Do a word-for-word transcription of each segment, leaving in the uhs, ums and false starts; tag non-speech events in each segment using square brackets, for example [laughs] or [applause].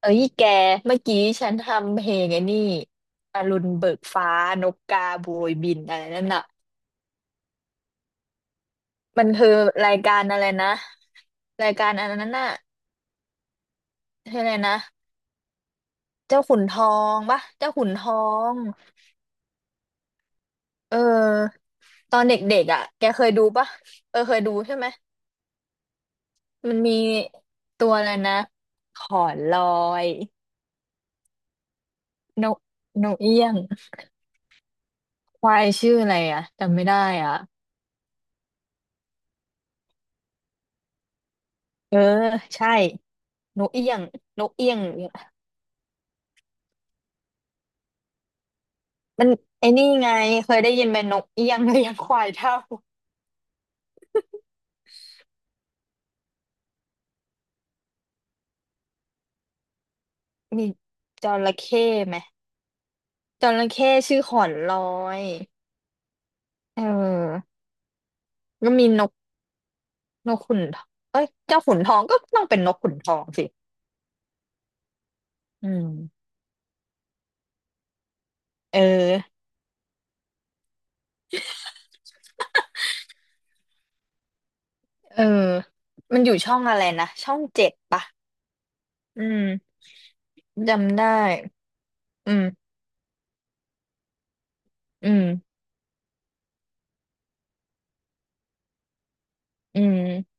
เอ้ยแกเมื่อกี้ฉันทำเพลงไอ้นี่อรุณเบิกฟ้านกกาโบยบินอะไรนั่นน่ะมันคือรายการอะไรนะรายการอันนั้นน่ะชื่ออะไรนะเจ้าขุนทองปะเจ้าขุนทองเออตอนเด็กๆอ่ะแกเคยดูปะเออเคยดูใช่ไหมมันมีตัวอะไรนะขอนลอยนกนกเอี้ยงควายชื่ออะไรอ่ะจำไม่ได้อ่ะเออใช่ นกเอี้ยงนกเอี้ยง มันไอ้นี่ไงเคยได้ยินไหมนกเอี้ยง [laughs] เลี้ยงควายเท่ามีจระเข้ไหมจระเข้ชื่อขอนลอยเออก็มีนกนกขุนทองเอ้ยเจ้าขุนทองก็ต้องเป็นนกขุนทองสิอืมเออเออมันอยู่ช่องอะไรนะช่องเจ็ดปะอืมจำได้อืมอืมอืม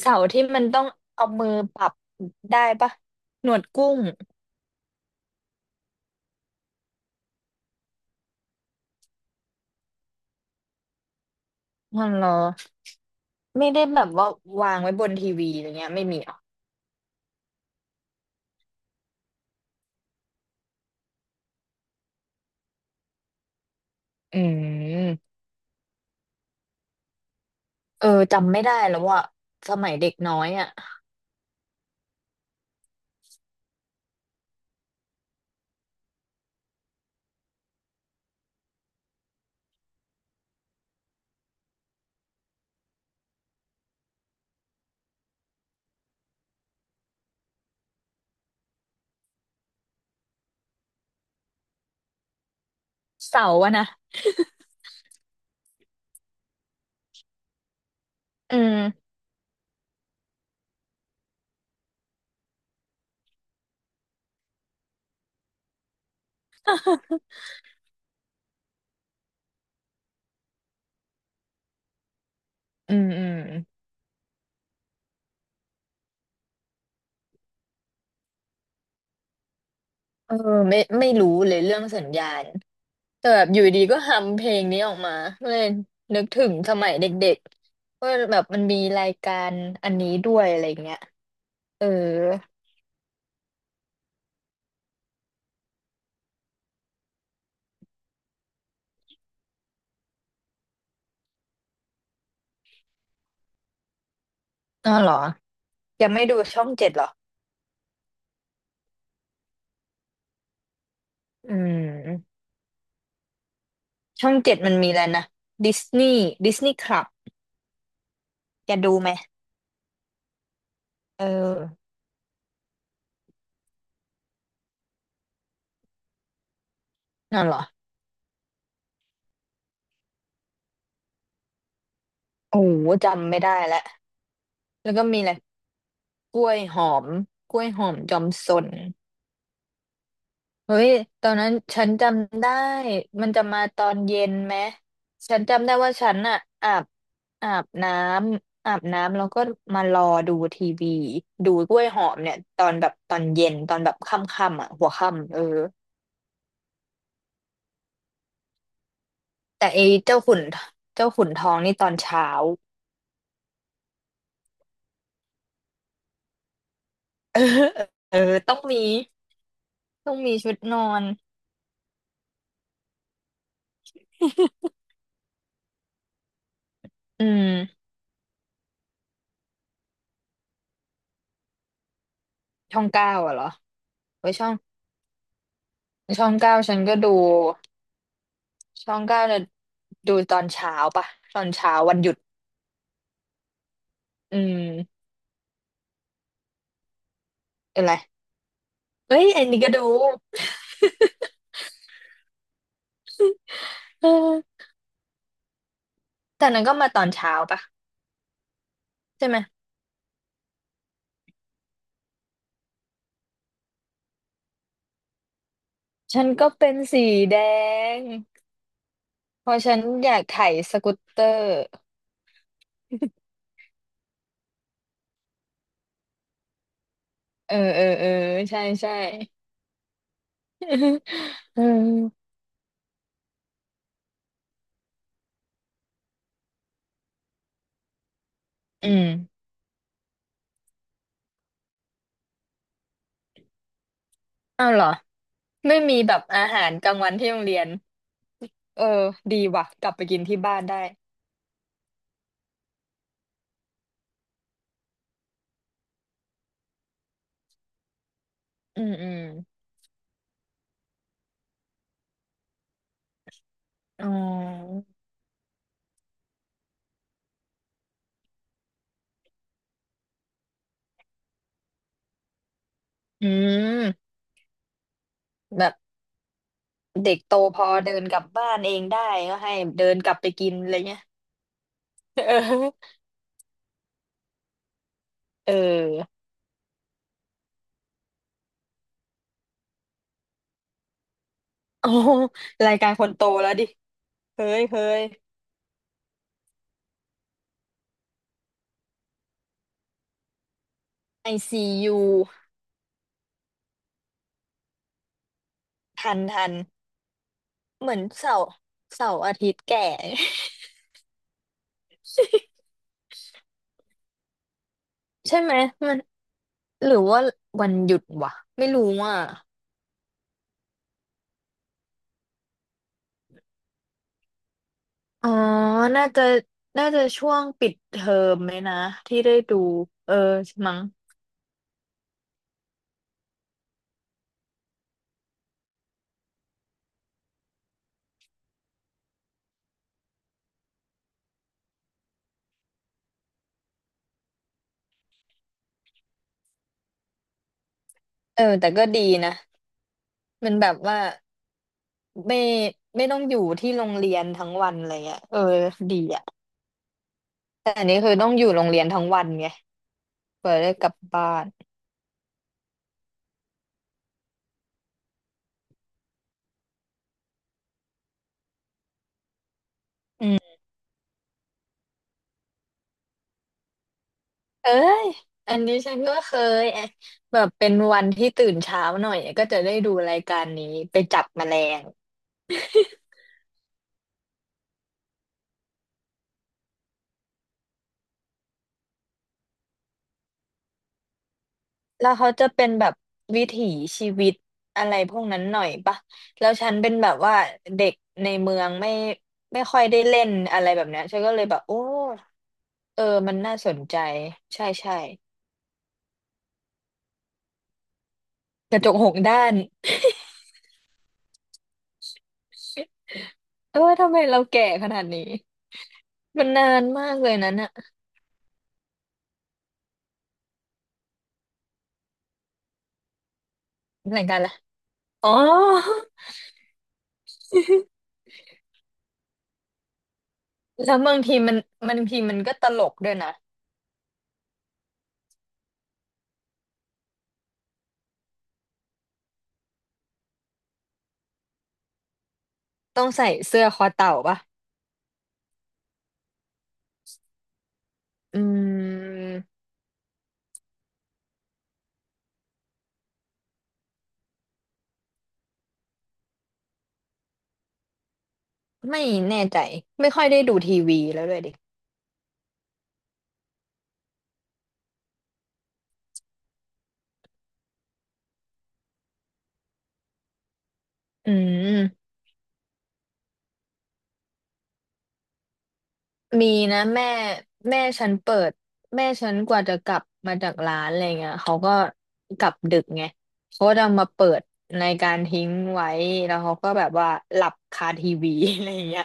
เสาร์ที่มันต้องเอามือปรับได้ปะหนวดกุ้งมันเหรอ ไม่ได้แบบว่าวางไว้บนทีวีอะไรเงี้ยไม่มีอ่ะอืมเออจำไม่ได้แล้วว่าสมัยเด็กน้อยอ่ะเสาร์อะนะอืมอืมอืมเออไม่ไม่รู้เลยเรื่องสัญญาณแต่แบบอยู่ดีก็ฮัมเพลงนี้ออกมาก็เลยนึกถึงสมัยเด็กๆว่าแบบมันมีรายการอันนี้ด้วยอะไรเงี้ยเอออ๋อเหรอยังไม่ดูช่องเจ็ดเหรออืมช่องเจ็ดมันมีแล้วนะดิสนีย์ดิสนีย์คลับจะดูไหมเออ นั่นเหรอโอ้โหจำไม่ได้แล้วแล้วก็มีอะไรกล้วยหอมกล้วยหอมจอมสนเฮ้ยตอนนั้นฉันจำได้มันจะมาตอนเย็นไหมฉันจำได้ว่าฉันอะอาบอาบน้ำอาบน้ำแล้วก็มารอดูทีวีดูกล้วยหอมเนี่ยตอนแบบตอนเย็นตอนแบบค่ำๆอะหัวค่ำเออแต่ไอ้เจ้าขุนเจ้าขุนทองนี่ตอนเช้าเออเออต้องมีต้องมีชุดนอนอืมช่องเก้าอะเหรอ ไว้ยช่องช่องเก้าฉันก็ดูช่องเก้าเนี่ยดูตอนเช้าปะตอนเช้าวันหยุดอืมเป็นไรเอ้ยไอ้นี่ก็ดูเออแต่นั้นก็มาตอนเช้าปะใช่ไหมฉันก็เป็นสีแดงเพราะฉันอยากไถสกูตเตอร์เออเออเออใช่ใช่ [laughs] อืมอืมอ้าวเหรอไม่มีแบบอาหารกลางวันที่โรงเรียนเออดีว่ะกลับไปกินที่บ้านได้อืมอืมอ๋ออืมแบบ เด็กโตพอเดินกลับบ้านเองได้ก็ให้เดินกลับไปกินอะไรเงี้ย [laughs] เออเออโอ้รายการคนโตแล้วดิเฮ้ยเฮ้ยไอซียูทันทันเหมือนเสาร์เสาร์อาทิตย์แก่ [laughs] ใช่ไหมมันหรือว่าวันหยุดวะไม่รู้อ่ะอ๋อน่าจะน่าจะช่วงปิดเทอมไหมนะที่ได้ดูเออมั้งเออแต่ก็ดีนะมันแบบว่า ไม่ไม่ต้องอยู่ที่โรงเรียนทั้งวันอะไรเงี้ยเออดีอ่ะแต่อันนี้คือต้องอยู่โรงเรียนทั้งวันไงเปิดได้กลับบ้านเอ้ยอันนี้ฉันก็เคยเอ๊ะแบบเป็นวันที่ตื่นเช้าหน่อยก็จะได้ดูรายการนี้ไปจับแมลงแล้วเขาจะเป็นแบบวิถีชีวิตอะไรพวกนั้นหน่อยปะแล้วฉันเป็นแบบว่าเด็กในเมืองไม่ไม่ค่อยได้เล่นอะไรแบบเนี้ยฉันก็เลยแบบโอ้เออมันน่าสนใจใช่ใช่กระจกหกด้าน เออทำไมเราแก่ขนาดนี้มันนานมากเลยนั้นอะรายการละไรอ๋อ [laughs] แล้วบางทีมันบางทีมันก็ตลกด้วยนะต้องใส่เสื้อคอเต่าปะอืมไม่แน่ใจไม่ค่อยได้ดูทีวีแล้วด้วยดิอืม มีนะแม่แม่ฉันเปิดแม่ฉันกว่าจะกลับมาจากร้านอะไรเงี้ยเขาก็กลับดึกไงเขาก็จะมาเปิดในการทิ้งไว้แล้วเขาก็แบบว่าหลับคาทีวี [laughs] อะไรเงี้ย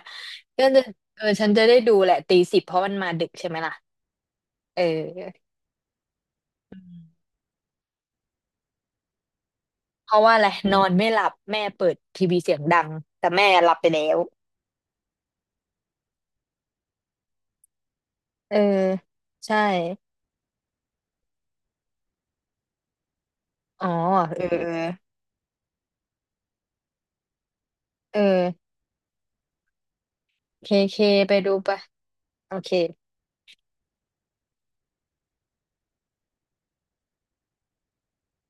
ก็จะเออฉันจะได้ดูแหละตีสิบเพราะมันมาดึกใช่ไหมล่ะเออเพราะว่าอะไรนอนไม่หลับแม่เปิดทีวีเสียงดังแต่แม่หลับไปแล้วเออใช่อ๋อเออเออเออเคเคไปดูไปะโอเค